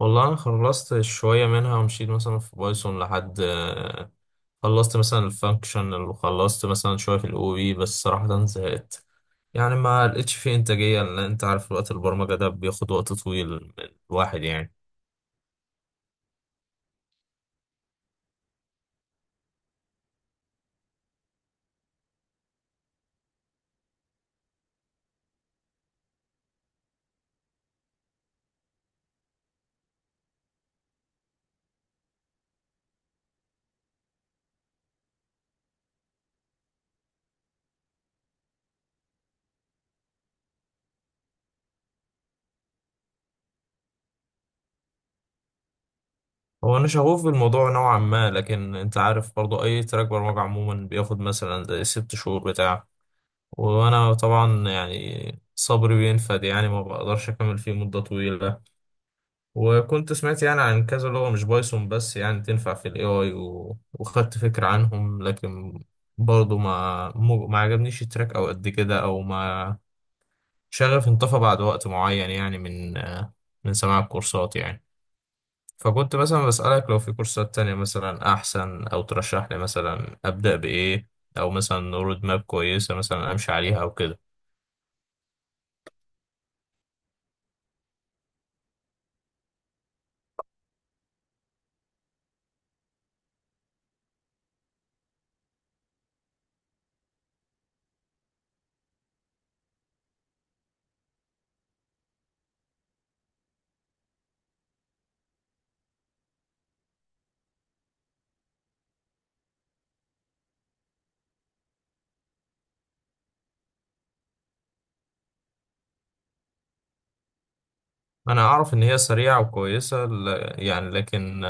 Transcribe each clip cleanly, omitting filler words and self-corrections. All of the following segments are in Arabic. والله انا خلصت شويه منها ومشيت مثلا في بايثون لحد، خلصت مثلا الفانكشن وخلصت مثلا شويه في الاو بي. بس صراحه زهقت يعني ما لقيتش فيه انتاجيه، لان انت عارف وقت البرمجه ده بياخد وقت طويل من الواحد يعني. هو انا شغوف بالموضوع نوعا ما، لكن انت عارف برضو اي تراك برمجه عموما بياخد مثلا زي 6 شهور بتاع. وانا طبعا يعني صبري بينفد، يعني ما بقدرش اكمل فيه مده طويله. وكنت سمعت يعني عن كذا لغة مش بايثون، بس يعني تنفع في الاي اي، وخدت فكرة عنهم، لكن برضه ما عجبنيش التراك او قد كده، او ما شغف انطفى بعد وقت معين يعني من سماع الكورسات يعني. فكنت مثلا بسألك لو في كورسات تانية مثلا أحسن، أو ترشح لي مثلا أبدأ بإيه، أو مثلا رود ماب كويسة مثلا أمشي عليها أو كده. أنا أعرف إن هي سريعة وكويسة يعني لكن.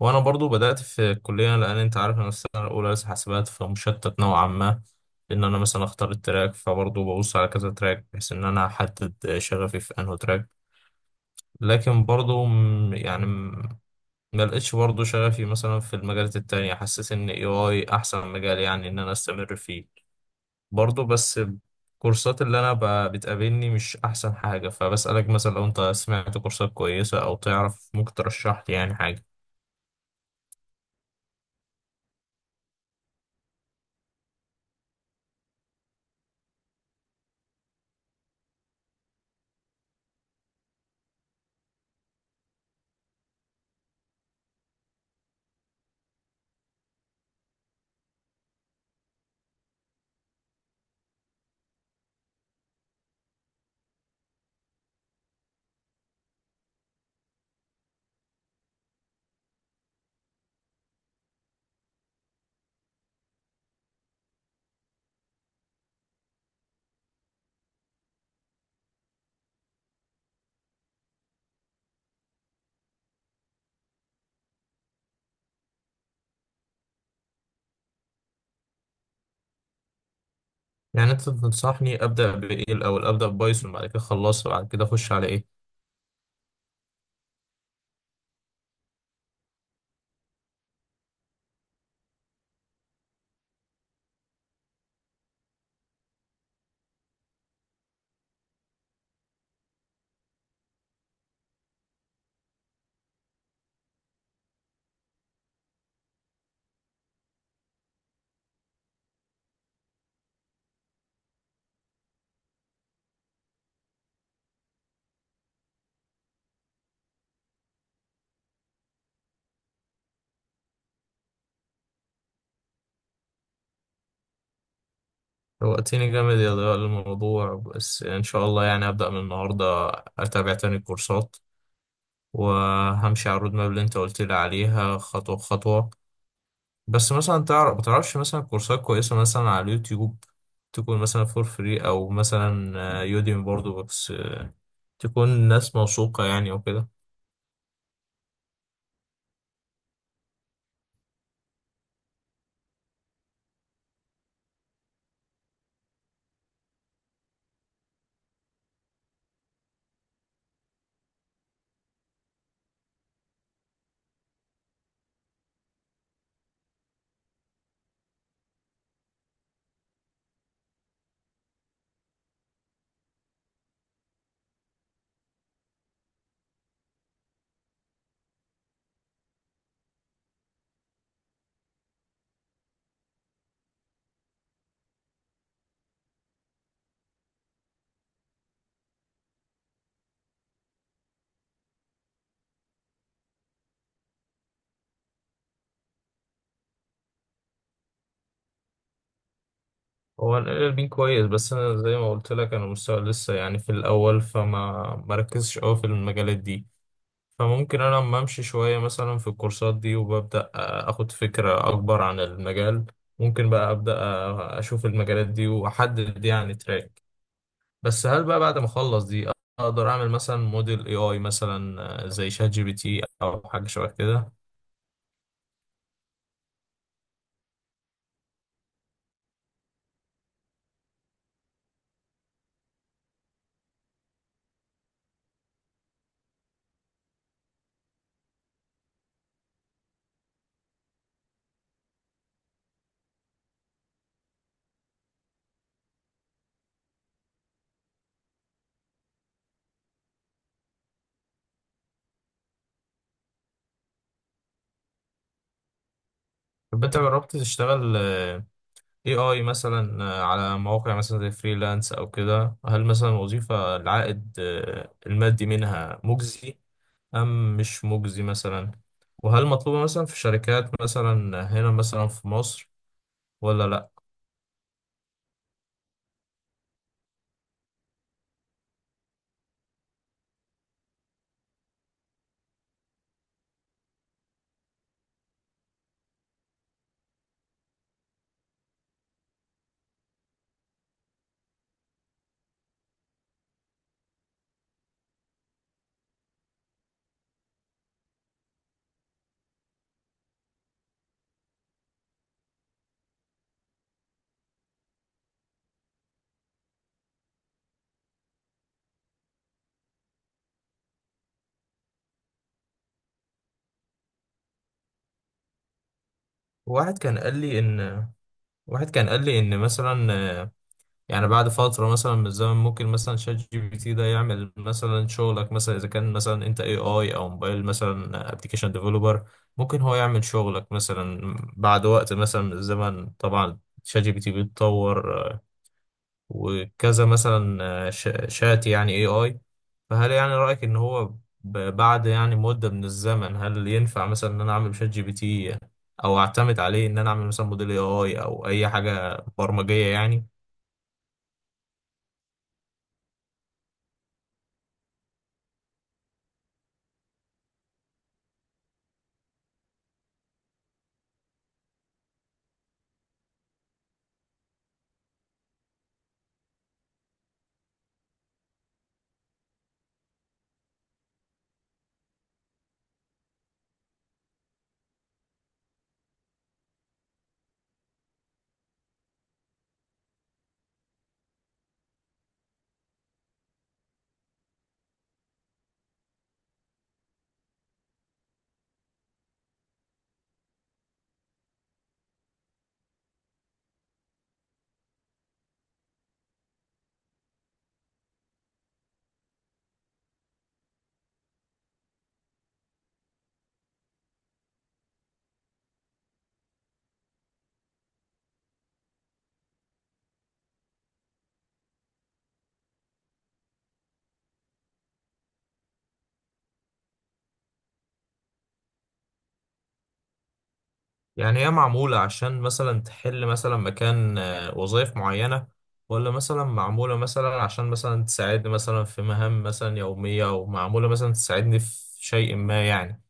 وانا برضو بدات في الكليه، لان انت عارف انا السنه الاولى لسه حاسبات، فمشتت نوعا ما ان انا مثلا اختار التراك، فبرضو ببص على كذا تراك بحيث ان انا احدد شغفي في انه تراك. لكن برضو ما لقيتش برضو شغفي مثلا في المجالات التانية، حسيت ان اي اي احسن مجال يعني ان انا استمر فيه برضو، بس الكورسات اللي انا بتقابلني مش احسن حاجه، فبسالك مثلا لو انت سمعت كورسات كويسه او تعرف ممكن ترشح لي يعني حاجه. يعني انت تنصحني ابدا بايه؟ الاول ابدا ببايثون، بعد كده خلصها بعد كده اخش على ايه؟ وقتني جامد يا ضياء الموضوع، بس ان شاء الله يعني ابدا من النهارده اتابع تاني الكورسات، وهمشي على الرود ماب اللي انت قلت لي عليها خطوه بخطوه. بس مثلا تعرف ما تعرفش مثلا كورسات كويسه مثلا على اليوتيوب، تكون مثلا فور فري او مثلا يوديمي برضو، بس تكون ناس موثوقه يعني وكده. هو الاربين كويس، بس انا زي ما قلت لك انا مستوى لسه يعني في الاول، فما مركزش قوي في المجالات دي، فممكن انا لما امشي شويه مثلا في الكورسات دي وببدا اخد فكره اكبر عن المجال، ممكن بقى ابدا اشوف المجالات دي واحدد يعني تراك. بس هل بقى بعد ما اخلص دي اقدر اعمل مثلا موديل اي اي مثلا زي شات جي بي تي او حاجه شبه كده؟ يبقى انت جربت تشتغل اي اي مثلا، على مواقع مثلا زي فريلانس او كده؟ هل مثلا الوظيفة العائد المادي منها مجزي ام مش مجزي مثلا؟ وهل مطلوبة مثلا في شركات مثلا هنا مثلا في مصر ولا لا؟ واحد كان قال لي ان واحد كان قال لي ان مثلا، يعني بعد فترة مثلا من الزمن ممكن مثلا شات جي بي تي ده يعمل مثلا شغلك، مثلا إذا كان مثلا أنت اي اي أو موبايل مثلا ابلكيشن ديفلوبر. ممكن هو يعمل شغلك مثلا بعد وقت مثلا من الزمن. طبعا شات جي بي تي بيتطور، وكذا مثلا، شات يعني اي اي. فهل يعني رأيك إن هو بعد يعني مدة من الزمن هل ينفع مثلا إن أنا أعمل شات جي بي تي، أو أعتمد عليه إن أنا أعمل مثلا موديل اي اي أو أي حاجة برمجية يعني؟ يعني هي معمولة عشان مثلا تحل مثلا مكان وظائف معينة، ولا مثلا معمولة مثلا عشان مثلا تساعدني مثلا في مهام مثلا يومية، أو معمولة مثلا تساعدني في شيء ما يعني؟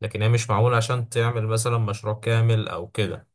لكن هي مش معمولة عشان تعمل مثلا مشروع كامل أو كده.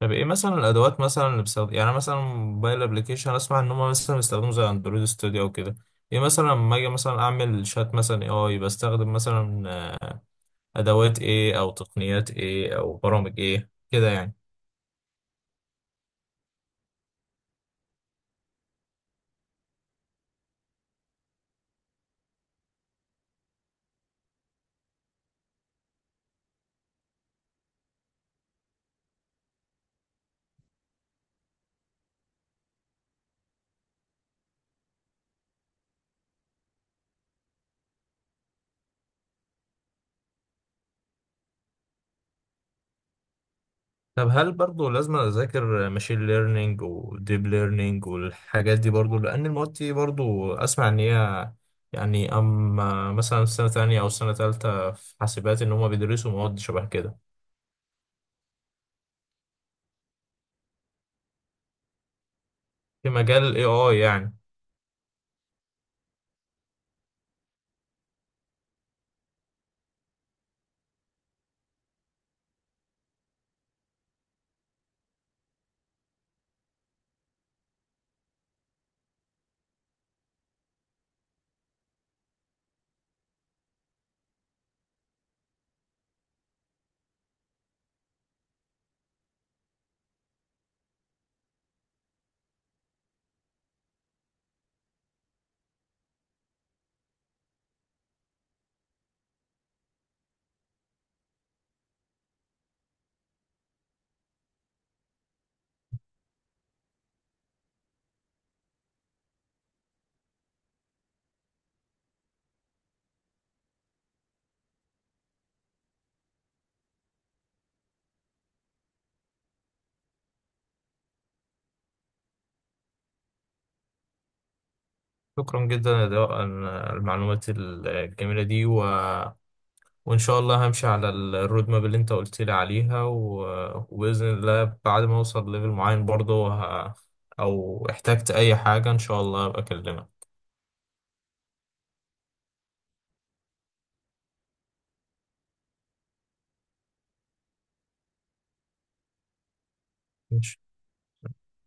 طب إيه مثلا الأدوات مثلا اللي بستخدم يعني؟ مثلا موبايل أبلكيشن أسمع إن هما مثلا بيستخدموا زي أندرويد ستوديو أو كده. إيه مثلا لما أجي مثلا أعمل شات مثلا إيه آي بستخدم مثلا، آه، أدوات إيه أو تقنيات إيه أو برامج إيه كده يعني؟ طب هل برضه لازم اذاكر ماشين ليرنينج وديب ليرنينج والحاجات دي برضه، لان المواد دي برضه اسمع ان هي يعني اما مثلا في سنه تانية او سنه تالتة في حاسبات ان هم بيدرسوا مواد شبه كده؟ في مجال الاي اي يعني. شكرا جدا يا ضياء عن المعلومات الجميله دي، و... وان شاء الله همشي على الرود ماب اللي انت قلت لي عليها، و... وباذن الله بعد ما اوصل ليفل معين برضه، او احتجت اي حاجه ان شاء الله ابقى اكلمك.